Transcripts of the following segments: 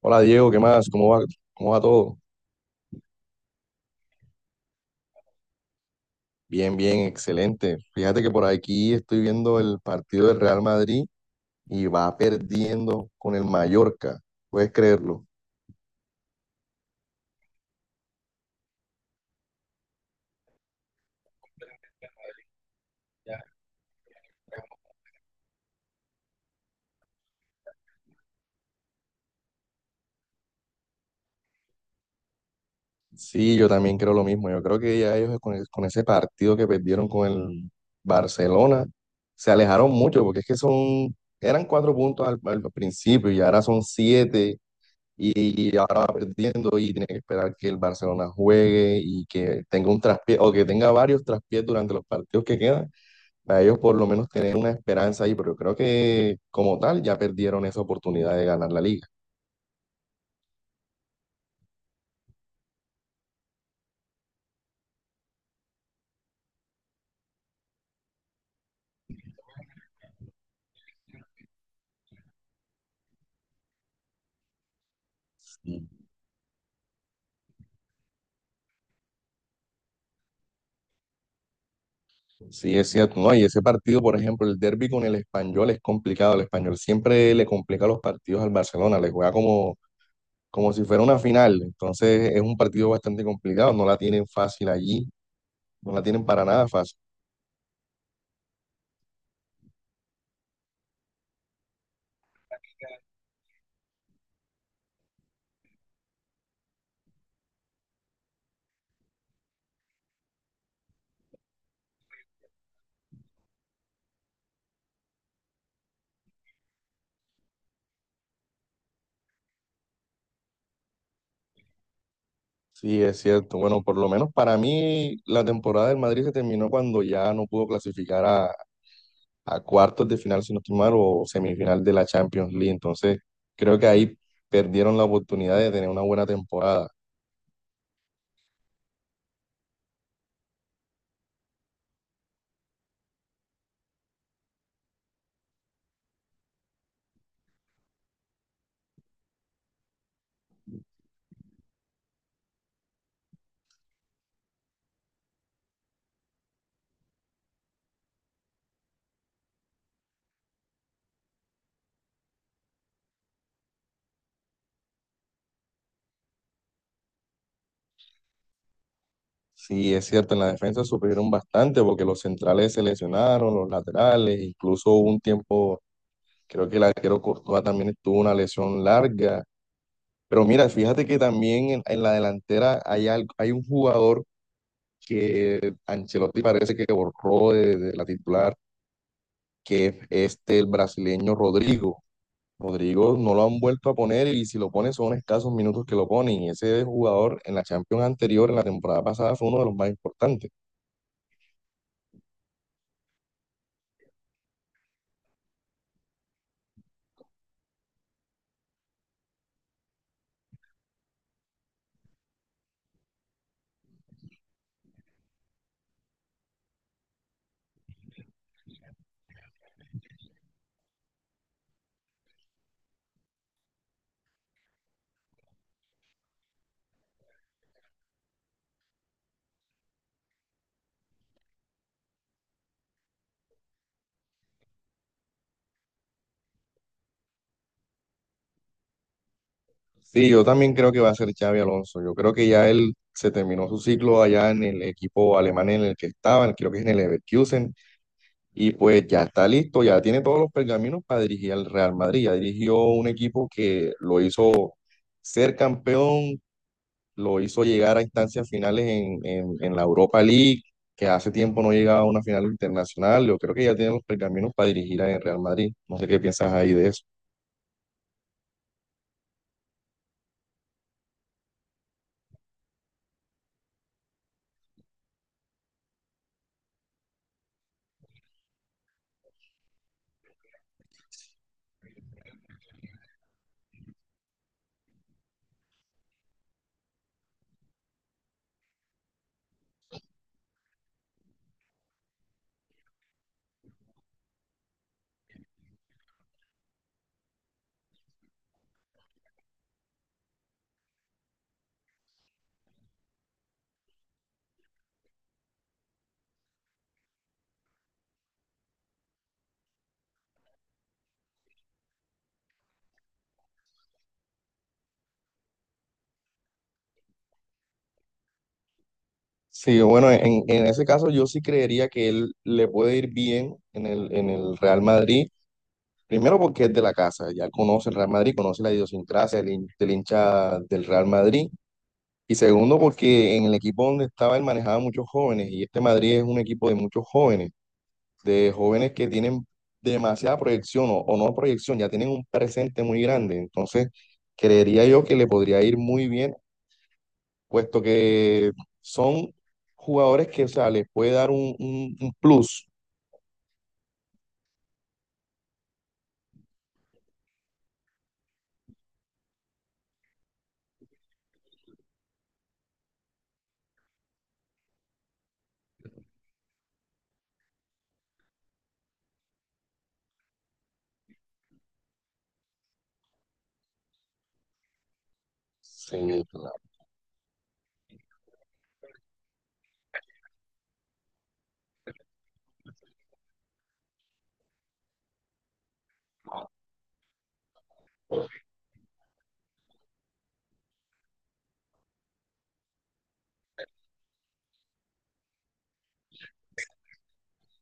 Hola Diego, ¿qué más? Cómo va todo? Bien, bien, excelente. Fíjate que por aquí estoy viendo el partido del Real Madrid y va perdiendo con el Mallorca. ¿Puedes creerlo? Ya. Sí, yo también creo lo mismo. Yo creo que ya ellos con ese partido que perdieron con el Barcelona se alejaron mucho porque es que eran cuatro puntos al principio y ahora son siete y ahora va perdiendo y tiene que esperar que el Barcelona juegue y que tenga un traspié o que tenga varios traspiés durante los partidos que quedan, para ellos por lo menos tener una esperanza ahí, pero yo creo que como tal ya perdieron esa oportunidad de ganar la liga. Sí, sí, es cierto, ¿no? Y ese partido, por ejemplo, el derbi con el Español es complicado. El Español siempre le complica los partidos al Barcelona, le juega como si fuera una final. Entonces es un partido bastante complicado, no la tienen fácil allí, no la tienen para nada fácil. Sí, es cierto. Bueno, por lo menos para mí la temporada del Madrid se terminó cuando ya no pudo clasificar a cuartos de final, si no estoy mal, o semifinal de la Champions League. Entonces, creo que ahí perdieron la oportunidad de tener una buena temporada. Sí, es cierto, en la defensa sufrieron bastante porque los centrales se lesionaron, los laterales, incluso hubo un tiempo, creo que el arquero Courtois también tuvo una lesión larga. Pero mira, fíjate que también en la delantera hay un jugador que Ancelotti parece que borró de la titular, que es este el brasileño Rodrigo. Rodrigo no lo han vuelto a poner y si lo pone son escasos minutos que lo ponen. Y ese jugador en la Champions anterior, en la temporada pasada, fue uno de los más importantes. Sí, yo también creo que va a ser Xavi Alonso. Yo creo que ya él se terminó su ciclo allá en el equipo alemán en el que estaba, creo que es en el Leverkusen. Y pues ya está listo, ya tiene todos los pergaminos para dirigir al Real Madrid. Ya dirigió un equipo que lo hizo ser campeón, lo hizo llegar a instancias finales en la Europa League, que hace tiempo no llegaba a una final internacional. Yo creo que ya tiene los pergaminos para dirigir al Real Madrid. No sé qué piensas ahí de eso. Sí, bueno, en ese caso yo sí creería que él le puede ir bien en en el Real Madrid. Primero porque es de la casa, ya conoce el Real Madrid, conoce la idiosincrasia del hincha del Real Madrid. Y segundo, porque en el equipo donde estaba él manejaba muchos jóvenes y este Madrid es un equipo de muchos jóvenes, de jóvenes que tienen demasiada proyección o no proyección, ya tienen un presente muy grande. Entonces, creería yo que le podría ir muy bien, puesto que son jugadores que, o sea, les puede dar un plus. Sí, claro.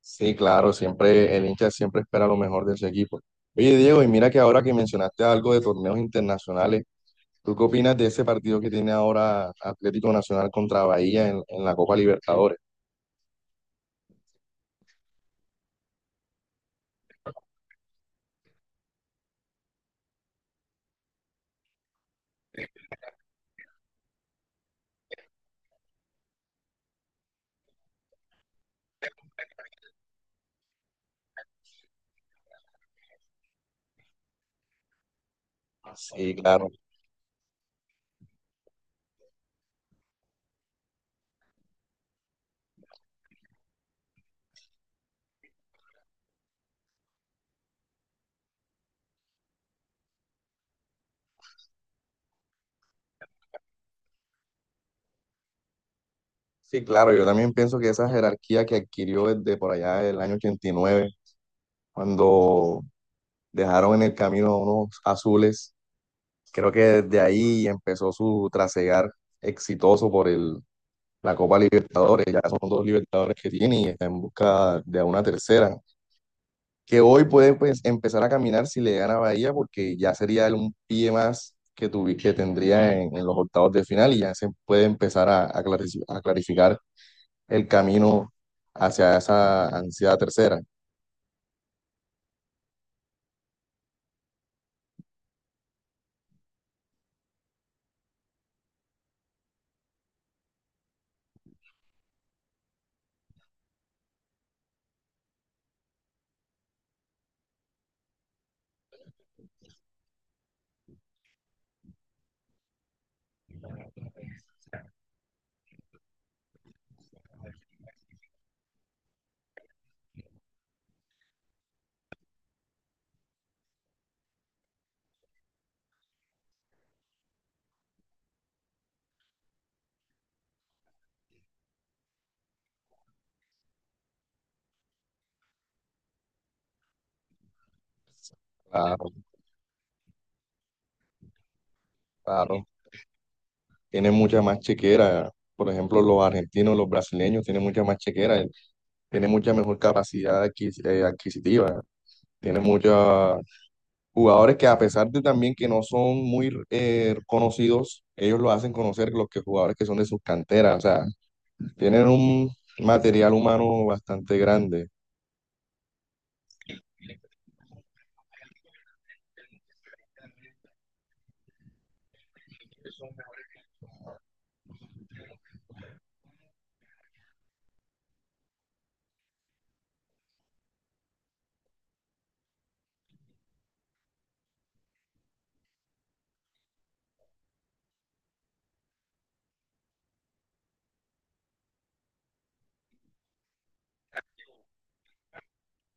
Sí, claro, siempre el hincha siempre espera lo mejor de ese equipo. Oye, Diego, y mira que ahora que mencionaste algo de torneos internacionales, ¿tú qué opinas de ese partido que tiene ahora Atlético Nacional contra Bahía en la Copa Libertadores? Sí, claro. Sí, claro. Yo también pienso que esa jerarquía que adquirió desde por allá del año 89, cuando dejaron en el camino a unos azules, creo que desde ahí empezó su trasegar exitoso por la Copa Libertadores. Ya son dos Libertadores que tiene y está en busca de una tercera, que hoy puede, pues, empezar a caminar si le gana Bahía, porque ya sería un pie más que tendría en los octavos de final y ya se puede empezar a a clarificar el camino hacia esa ansiada tercera. Claro, claro. Tiene mucha más chequera, por ejemplo, los argentinos, los brasileños tienen mucha más chequera, tienen mucha mejor capacidad adquisitiva, tienen mucha jugadores que a pesar de también que no son muy conocidos, ellos lo hacen conocer los que jugadores que son de sus canteras, o sea, tienen un material humano bastante grande.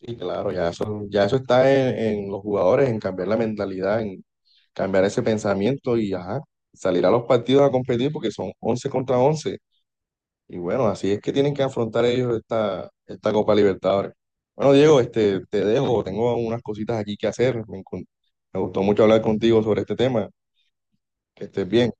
Sí, claro, ya eso está en los jugadores, en cambiar la mentalidad, en cambiar ese pensamiento y ajá, salir a los partidos a competir porque son 11 contra once. Y bueno, así es que tienen que afrontar ellos esta, esta Copa Libertadores. Bueno, Diego, este, te dejo, tengo unas cositas aquí que hacer. Me gustó mucho hablar contigo sobre este tema. Que estés bien.